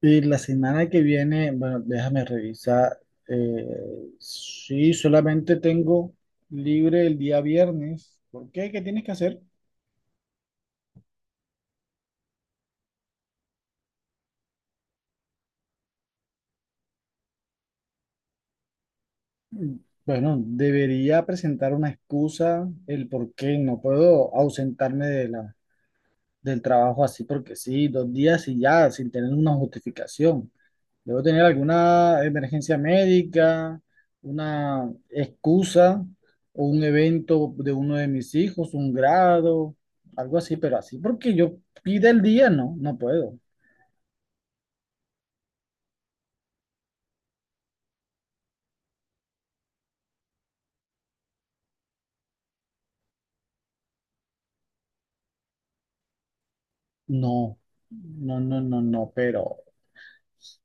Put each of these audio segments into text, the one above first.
Y la semana que viene, bueno, déjame revisar. eh, sí, solamente tengo libre el día viernes. ¿Por qué? ¿Qué tienes que hacer? Mm, Bueno, debería presentar una excusa, el por qué no puedo ausentarme de del trabajo así porque sí, 2 días y ya, sin tener una justificación. Debo tener alguna emergencia médica, una excusa o un evento de uno de mis hijos, un grado, algo así, pero así porque yo pide el día, no, no puedo. No, no, no, no, no, pero,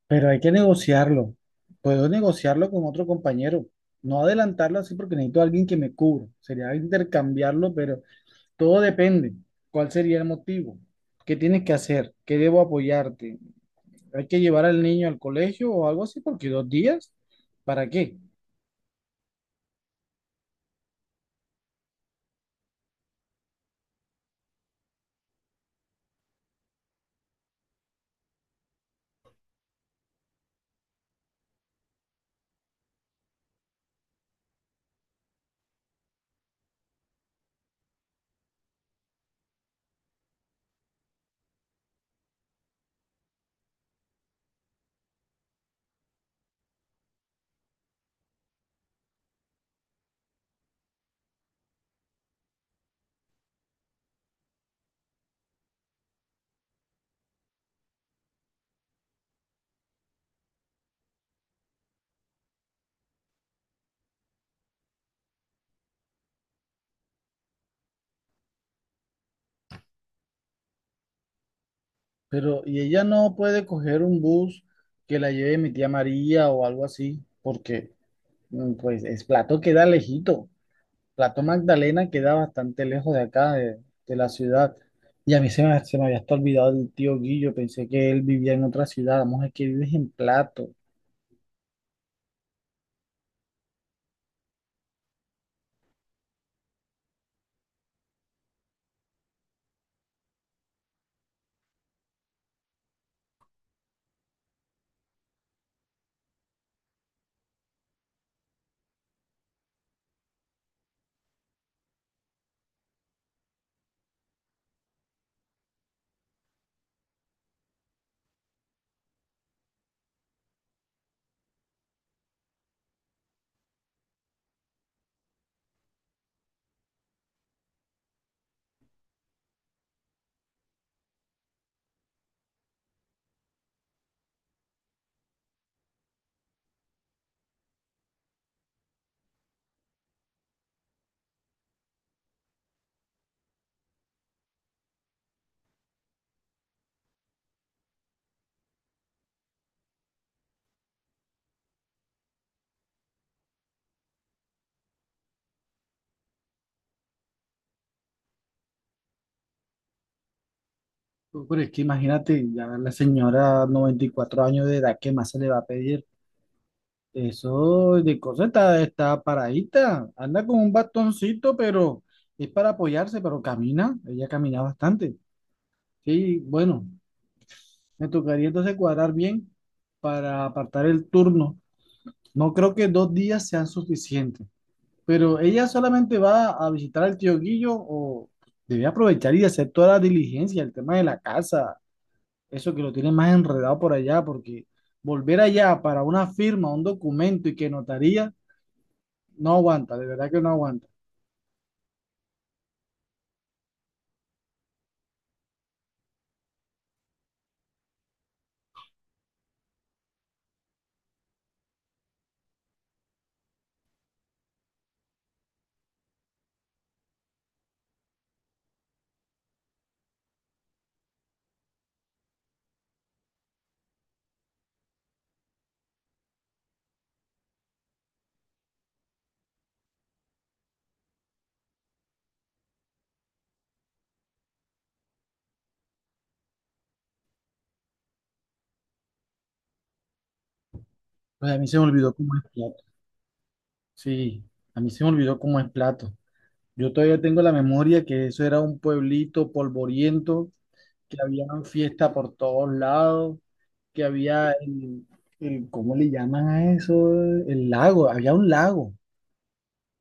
hay que negociarlo. Puedo negociarlo con otro compañero. No adelantarlo así porque necesito a alguien que me cubra. Sería intercambiarlo, pero todo depende. ¿Cuál sería el motivo? ¿Qué tienes que hacer? ¿Qué debo apoyarte? ¿Hay que llevar al niño al colegio o algo así? Porque 2 días, ¿para qué? Pero, y ella no puede coger un bus que la lleve mi tía María o algo así, porque pues es Plato queda lejito. Plato Magdalena queda bastante lejos de acá, de la ciudad. Y a mí se me había hasta olvidado el tío Guillo, pensé que él vivía en otra ciudad. Vamos, es que vives en Plato. No, pero es que imagínate, ya la señora 94 años de edad, ¿qué más se le va a pedir? Eso de cosa está, paradita, anda con un bastoncito, pero es para apoyarse, pero camina, ella camina bastante. Sí, bueno, me tocaría entonces cuadrar bien para apartar el turno. No creo que 2 días sean suficientes, pero ella solamente va a visitar al tío Guillo o debe aprovechar y hacer toda la diligencia, el tema de la casa, eso que lo tiene más enredado por allá, porque volver allá para una firma, un documento y que notaría, no aguanta, de verdad que no aguanta. Pues a mí se me olvidó cómo es Plato. Sí, a mí se me olvidó cómo es Plato. Yo todavía tengo la memoria que eso era un pueblito polvoriento, que había fiesta por todos lados, que había ¿cómo le llaman a eso? El lago, había un lago.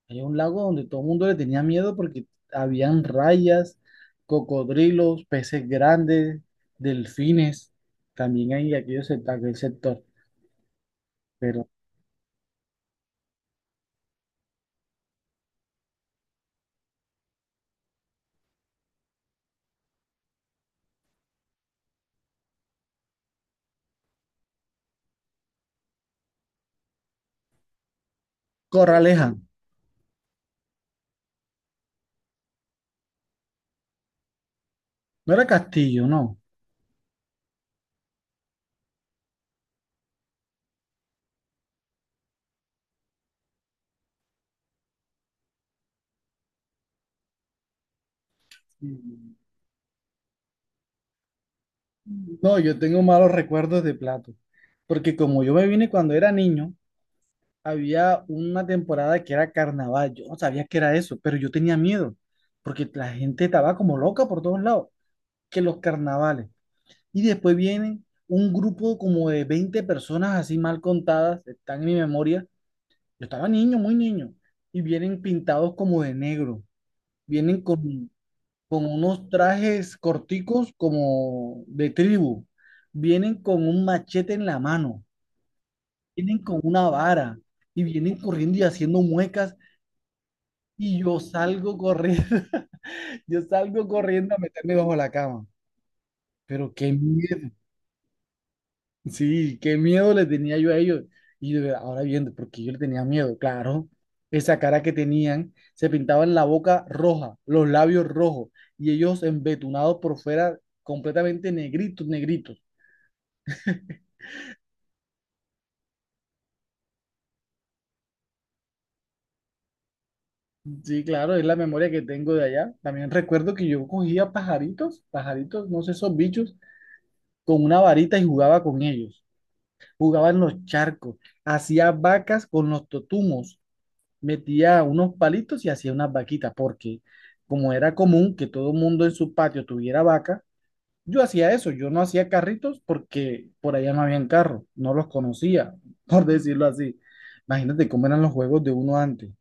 Hay un lago donde todo el mundo le tenía miedo porque habían rayas, cocodrilos, peces grandes, delfines. También hay aquel sector. Pero Corraleja, no era Castillo, no. No, yo tengo malos recuerdos de Plato. Porque como yo me vine cuando era niño, había una temporada que era carnaval. Yo no sabía que era eso, pero yo tenía miedo. Porque la gente estaba como loca por todos lados. Que los carnavales. Y después vienen un grupo como de 20 personas así mal contadas, están en mi memoria. Yo estaba niño, muy niño. Y vienen pintados como de negro. Vienen con unos trajes corticos como de tribu. Vienen con un machete en la mano. Vienen con una vara. Y vienen corriendo y haciendo muecas. Y yo salgo corriendo, yo salgo corriendo a meterme bajo la cama. Pero qué miedo. Sí, qué miedo le tenía yo a ellos. Y ahora viendo, porque yo le tenía miedo, claro. Esa cara que tenían, se pintaban la boca roja, los labios rojos, y ellos embetunados por fuera, completamente negritos, negritos. Sí, claro, es la memoria que tengo de allá. También recuerdo que yo cogía pajaritos, pajaritos, no sé, esos bichos, con una varita y jugaba con ellos. Jugaba en los charcos, hacía vacas con los totumos. Metía unos palitos y hacía unas vaquitas, porque como era común que todo el mundo en su patio tuviera vaca, yo hacía eso, yo no hacía carritos porque por allá no habían carros, no los conocía, por decirlo así. Imagínate cómo eran los juegos de uno antes.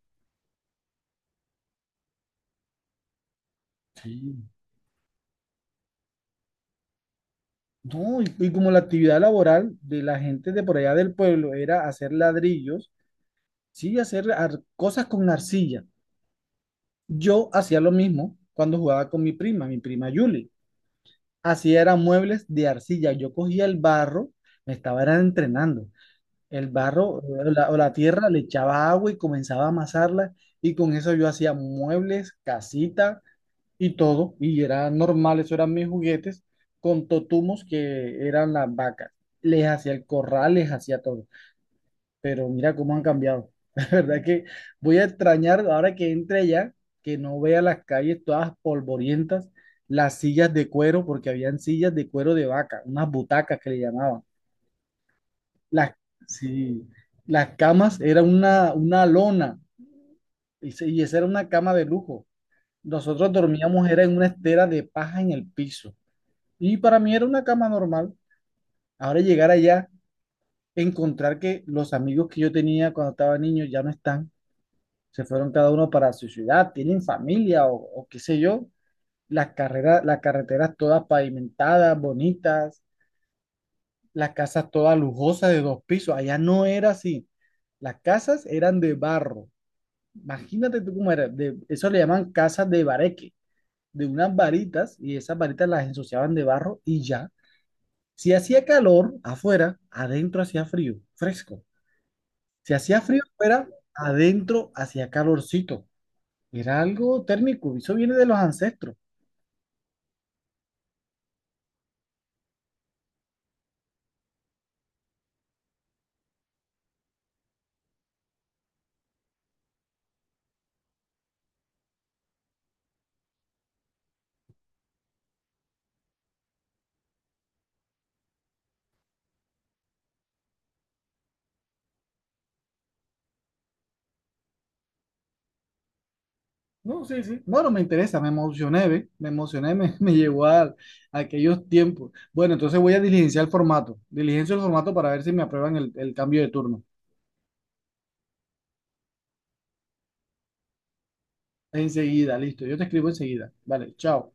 Sí. No, y como la actividad laboral de la gente de por allá del pueblo era hacer ladrillos, sí, hacer cosas con arcilla. Yo hacía lo mismo cuando jugaba con mi prima Yuli. Así eran muebles de arcilla. Yo cogía el barro, me estaba era entrenando. El barro o o la tierra le echaba agua y comenzaba a amasarla y con eso yo hacía muebles, casita y todo. Y era normal, eso eran mis juguetes con totumos que eran las vacas. Les hacía el corral, les hacía todo, pero mira cómo han cambiado. La verdad que voy a extrañar ahora que entre allá, que no vea las calles todas polvorientas, las sillas de cuero, porque habían sillas de cuero de vaca, unas butacas que le llamaban. Las, sí, las camas era una lona y, y esa era una cama de lujo. Nosotros dormíamos era en una estera de paja en el piso y para mí era una cama normal. Ahora llegar allá, encontrar que los amigos que yo tenía cuando estaba niño ya no están, se fueron cada uno para su ciudad, tienen familia o qué sé yo. Las carreras, las carreteras todas pavimentadas, bonitas, las casas todas lujosas de dos pisos. Allá no era así. Las casas eran de barro. Imagínate tú cómo era. Eso le llaman casas de bareque, de unas varitas, y esas varitas las ensuciaban de barro y ya. Si hacía calor afuera, adentro hacía frío, fresco. Si hacía frío afuera, adentro hacía calorcito. Era algo térmico, eso viene de los ancestros. No, sí, sí. Bueno, me interesa, me emocioné, ¿ve? Me emocioné, me llevó a aquellos tiempos. Bueno, entonces voy a diligenciar el formato. Diligencio el formato para ver si me aprueban el cambio de turno. Enseguida, listo. Yo te escribo enseguida. Vale, chao.